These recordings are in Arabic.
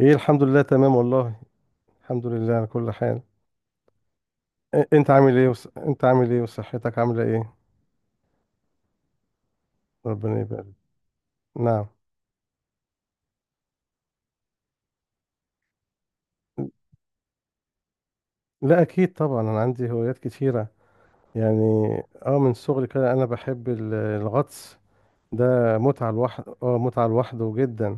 ايه، الحمد لله تمام والله. الحمد لله على كل حال. انت عامل ايه انت عامل ايه وصحتك عامله ايه؟ ربنا يبارك. نعم. لا اكيد طبعا، انا عندي هوايات كتيره. يعني اه من صغري كده انا بحب الغطس. ده متعه لوحده، متعه لوحده جدا.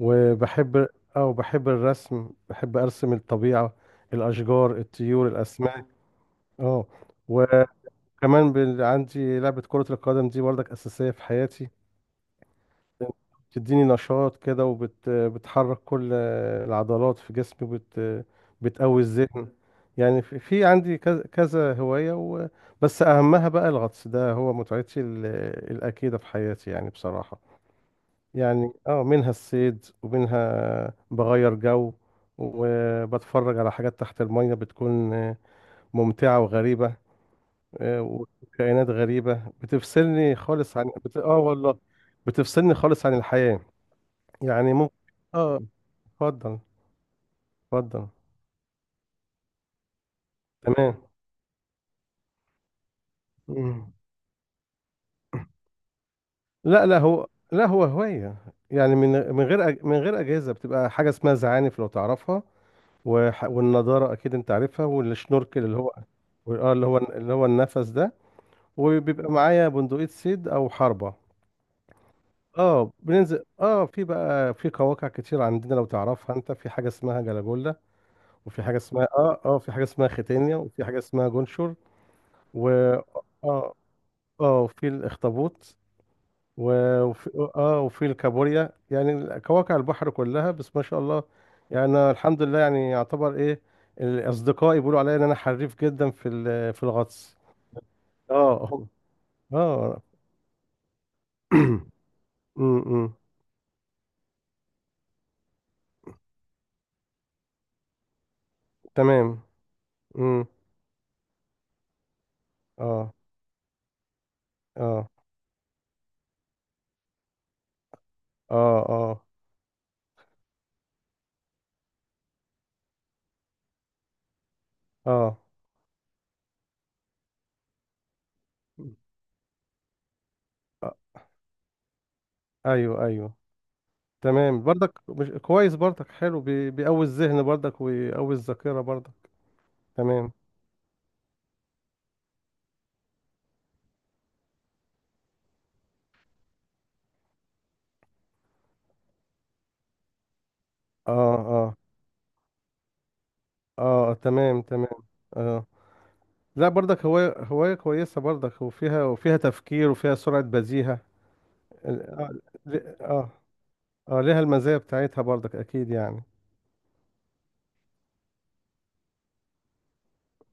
وبحب اه وبحب الرسم، بحب ارسم الطبيعه، الاشجار، الطيور، الاسماك. اه وكمان عندي لعبه كره القدم دي برضك اساسيه في حياتي. بتديني نشاط كده وبتحرك كل العضلات في جسمي، بتقوي الذهن. يعني في عندي كذا كذا هواية بس أهمها بقى الغطس، ده هو متعتي الأكيدة في حياتي يعني بصراحة. يعني منها الصيد ومنها بغير جو، وبتفرج على حاجات تحت المية بتكون ممتعة وغريبة. وكائنات غريبة بتفصلني خالص عن بت... اه والله بتفصلني خالص عن الحياة. يعني ممكن. اه اتفضل. اتفضل، تمام. مم. لا لا، هو لا هو هواية، يعني من غير من غير أجهزة. بتبقى حاجة اسمها زعانف لو تعرفها. والنضارة أكيد أنت عارفها، والشنوركل اللي هو، اه اللي هو اللي هو النفس ده. وبيبقى معايا بندقية صيد أو حربة. اه بننزل في بقى في قواقع كتير عندنا. لو تعرفها انت، في حاجه اسمها جلاجولا، وفي حاجه اسمها اه اه في حاجه اسمها ختانيا، وفي حاجه اسمها جونشور. و اه اه وفي الاخطبوط، و- وفي اه وفي الكابوريا، يعني كواكب البحر كلها، بس ما شاء الله. يعني أنا الحمد لله يعني يعتبر ايه، الاصدقاء يقولوا عليا ان انا حريف جدا في الغطس. اه هم- اه امم تمام. امم اه اه اه اه اه آه، ايوه ايوه. تمام، برضك مش كويس، برضك حلو، بيقوي الذهن برضك، ويقوي الذاكرة برضك. تمام. اه آه. اه تمام تمام. اه لا برضك هواية، هواية كويسة برضك، وفيها وفيها تفكير وفيها سرعة بزيهة. ال- اه ل- اه ليها المزايا بتاعتها برضك اكيد يعني.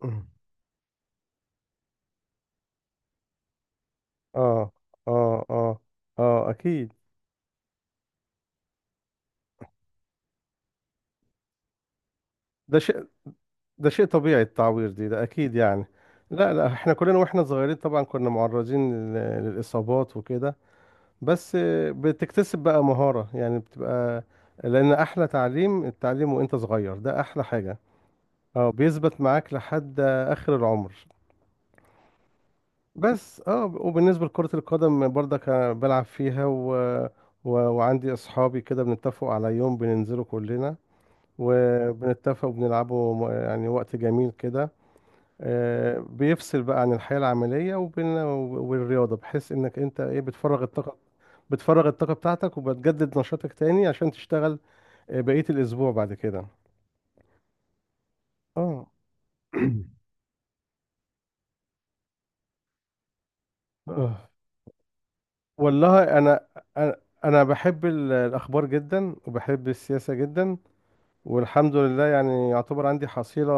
اه اه اه اه اكيد. ده شيء ده شيء طبيعي، التعوير دي ده اكيد يعني. لا لا، احنا كلنا واحنا صغيرين طبعا كنا معرضين للاصابات وكده. بس بتكتسب بقى مهارة، يعني بتبقى. لان احلى تعليم التعليم وانت صغير، ده احلى حاجة. اه بيثبت معاك لحد اخر العمر. بس وبالنسبه لكره القدم برضك أنا بلعب فيها وعندي اصحابي كده، بنتفق على يوم بننزله كلنا، وبنتفق وبنلعبه يعني وقت جميل كده. بيفصل بقى عن الحياه العمليه، وبين والرياضه، بحيث انك انت ايه، بتفرغ الطاقه، بتفرغ الطاقه بتاعتك، وبتجدد نشاطك تاني عشان تشتغل بقيه الاسبوع بعد كده. اه آه. والله انا انا أنا بحب الاخبار جدا، وبحب السياسه جدا. والحمد لله يعني يعتبر عندي حصيله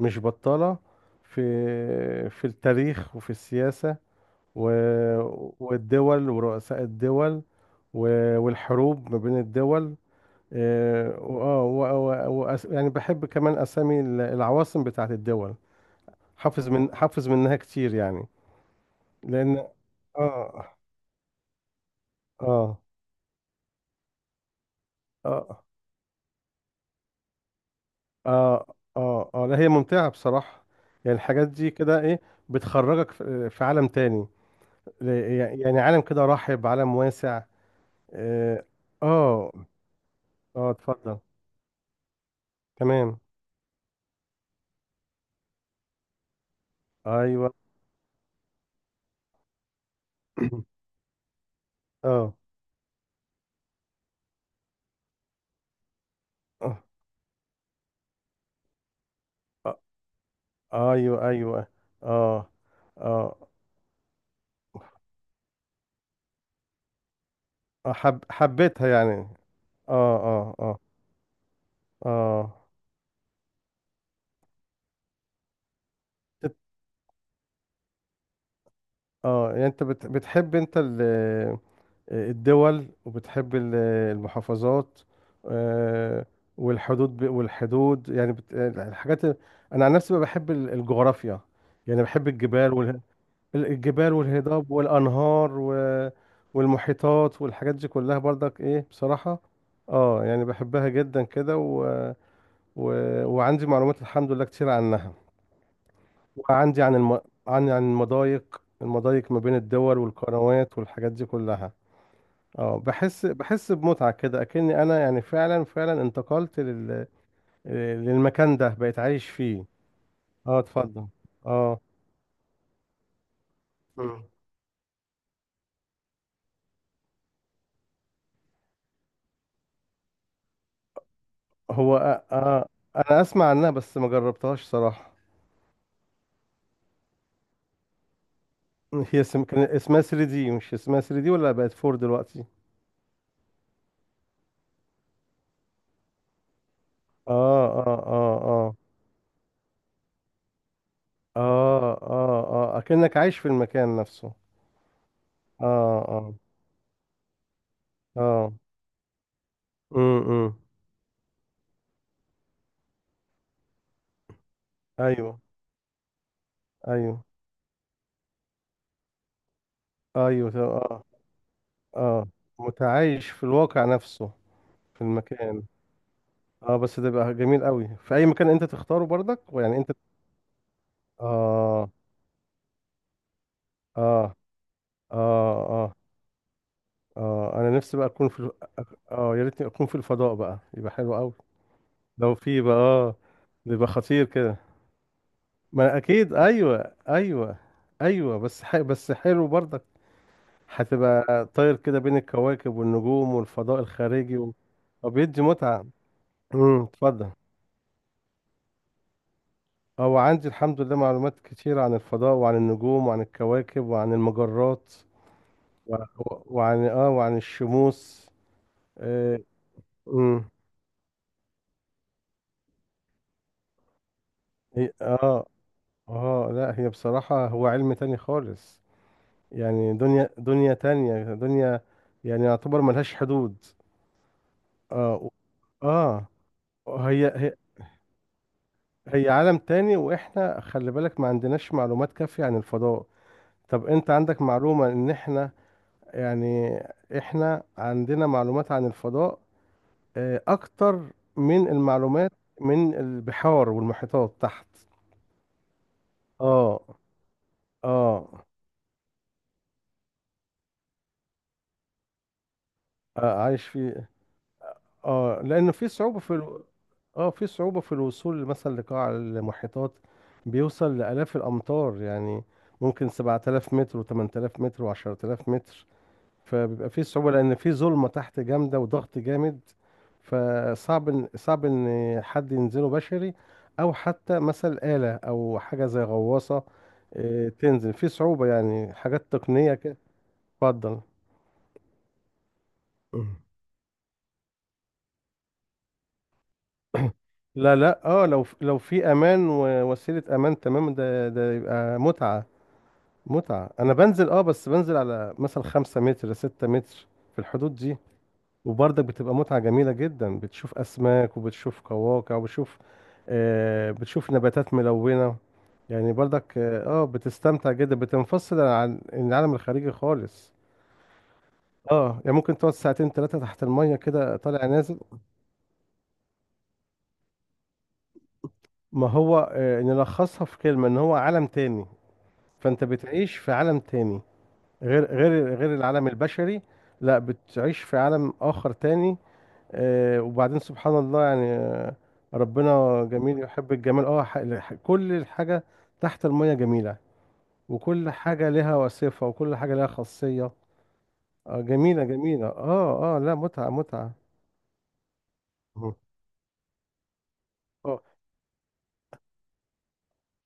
مش بطاله في في التاريخ وفي السياسه، والدول ورؤساء الدول، والحروب ما بين الدول. إيه، وآه، و- و- وأس- يعني بحب كمان اسامي العواصم بتاعت الدول. حافظ من حافظ منها كتير يعني. لان اه اه اه اه لا، هي ممتعة بصراحة. يعني الحاجات دي كده ايه، بتخرجك في عالم تاني، ل- يعني عالم كده رحب، عالم واسع. اه اه اتفضل. تمام، ايوه. اه آه، ايوه ايوه. اه اه حب حبيتها يعني. اه اه اه اه تت- اه يعني انت بتحب انت الدول، وبتحب المحافظات. آه، والحدود، والحدود يعني الحاجات. انا عن نفسي بقى بحب الجغرافيا، يعني بحب الجبال الجبال والهضاب والانهار والمحيطات والحاجات دي كلها برضك، ايه، بصراحة. اه يعني بحبها جدا كده، و... وعندي معلومات الحمد لله كتير عنها، وعندي عن عن المضايق، المضايق ما بين الدول، والقنوات، والحاجات دي كلها. اه بحس بمتعة كده، اكني انا يعني فعلا، فعلا انتقلت للمكان ده، بقيت عايش فيه. اه اتفضل. اه مم. هو انا اسمع عنها بس ما جربتهاش صراحة. هي كان اسمها 3D، مش اسمها 3D ولا بقت 4 دلوقتي؟ اه اه اه اه اه اكنك عايش في المكان نفسه. اه اه اه امم ايوه ايوه ايوه. اه اه متعايش في الواقع نفسه، في المكان. اه بس ده بقى جميل قوي، في اي مكان انت تختاره برضك، ويعني انت اه اه اه اه اه انا نفسي بقى اكون في يا ريتني اكون في الفضاء بقى، يبقى حلو قوي. لو في بقى يبقى خطير كده. ما اكيد، ايوه ايوه ايوه، بس بس حلو برضك. هتبقى طاير كده بين الكواكب والنجوم والفضاء الخارجي وبيدي متعة. امم، اتفضل. هو عندي الحمد لله معلومات كتيرة عن الفضاء، وعن النجوم، وعن الكواكب، وعن المجرات، وعن الشموس. اه أمم. هي- اه اه لا، هي بصراحة هو علم تاني خالص، يعني دنيا، دنيا تانية، دنيا يعني يعتبر ملهاش حدود. اه و- اه هي هي عالم تاني، واحنا خلي بالك ما عندناش معلومات كافية عن الفضاء. طب انت عندك معلومة ان احنا، يعني احنا عندنا معلومات عن الفضاء اكتر من المعلومات من البحار والمحيطات تحت. اه اه عايش في اه لان في صعوبة في ال... اه في صعوبة في الوصول مثلا لقاع المحيطات، بيوصل لآلاف الأمتار يعني، ممكن 7000 متر و8000 متر و10000 متر، فبيبقى فيه صعوبة لأن فيه ظلمة تحت جامدة وضغط جامد. فصعب إن صعب إن حد ينزله بشري، أو حتى مثلا آلة أو حاجة زي غواصة، تنزل، فيه صعوبة يعني، حاجات تقنية كده. اتفضل. مم. لا لا اه لو لو في امان ووسيله امان تمام، ده ده يبقى متعه. متعه. انا بنزل بس بنزل على مثلا 5 متر، 6 متر، في الحدود دي. وبرضك بتبقى متعة جميلة جدا، بتشوف أسماك، وبتشوف قواقع، وبتشوف بتشوف نباتات ملونة. يعني برضك بتستمتع جدا، بتنفصل عن العالم الخارجي خالص. اه يعني ممكن تقعد ساعتين 3 تحت المية كده طالع نازل. ما هو نلخصها في كلمة، ان هو عالم تاني، فانت بتعيش في عالم تاني، غير العالم البشري. لا بتعيش في عالم آخر تاني. وبعدين سبحان الله، يعني ربنا جميل يحب الجمال. كل الحاجة تحت المية جميلة، وكل حاجة لها صفة، وكل حاجة لها خاصية. جميلة، جميلة، لا متعة، متعة. مه. اه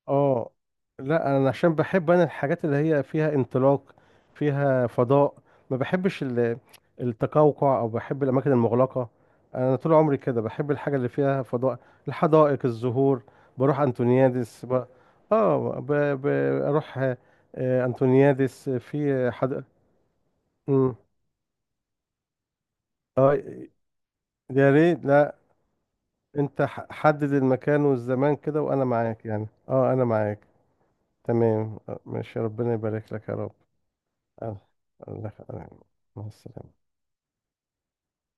اه لا انا عشان بحب انا الحاجات اللي هي فيها انطلاق، فيها فضاء. ما بحبش التقوقع، او بحب الاماكن المغلقه. انا طول عمري كده بحب الحاجه اللي فيها فضاء، الحدائق، الزهور. بروح انتونيادس اه ب... بروح انتونيادس في حد. مم. اه يا ريت، لا انت حدد المكان والزمان كده وانا معاك، يعني انا معاك. تمام، ماشي، ربنا يبارك لك يا رب. آه، الله يخليك. مع السلامة.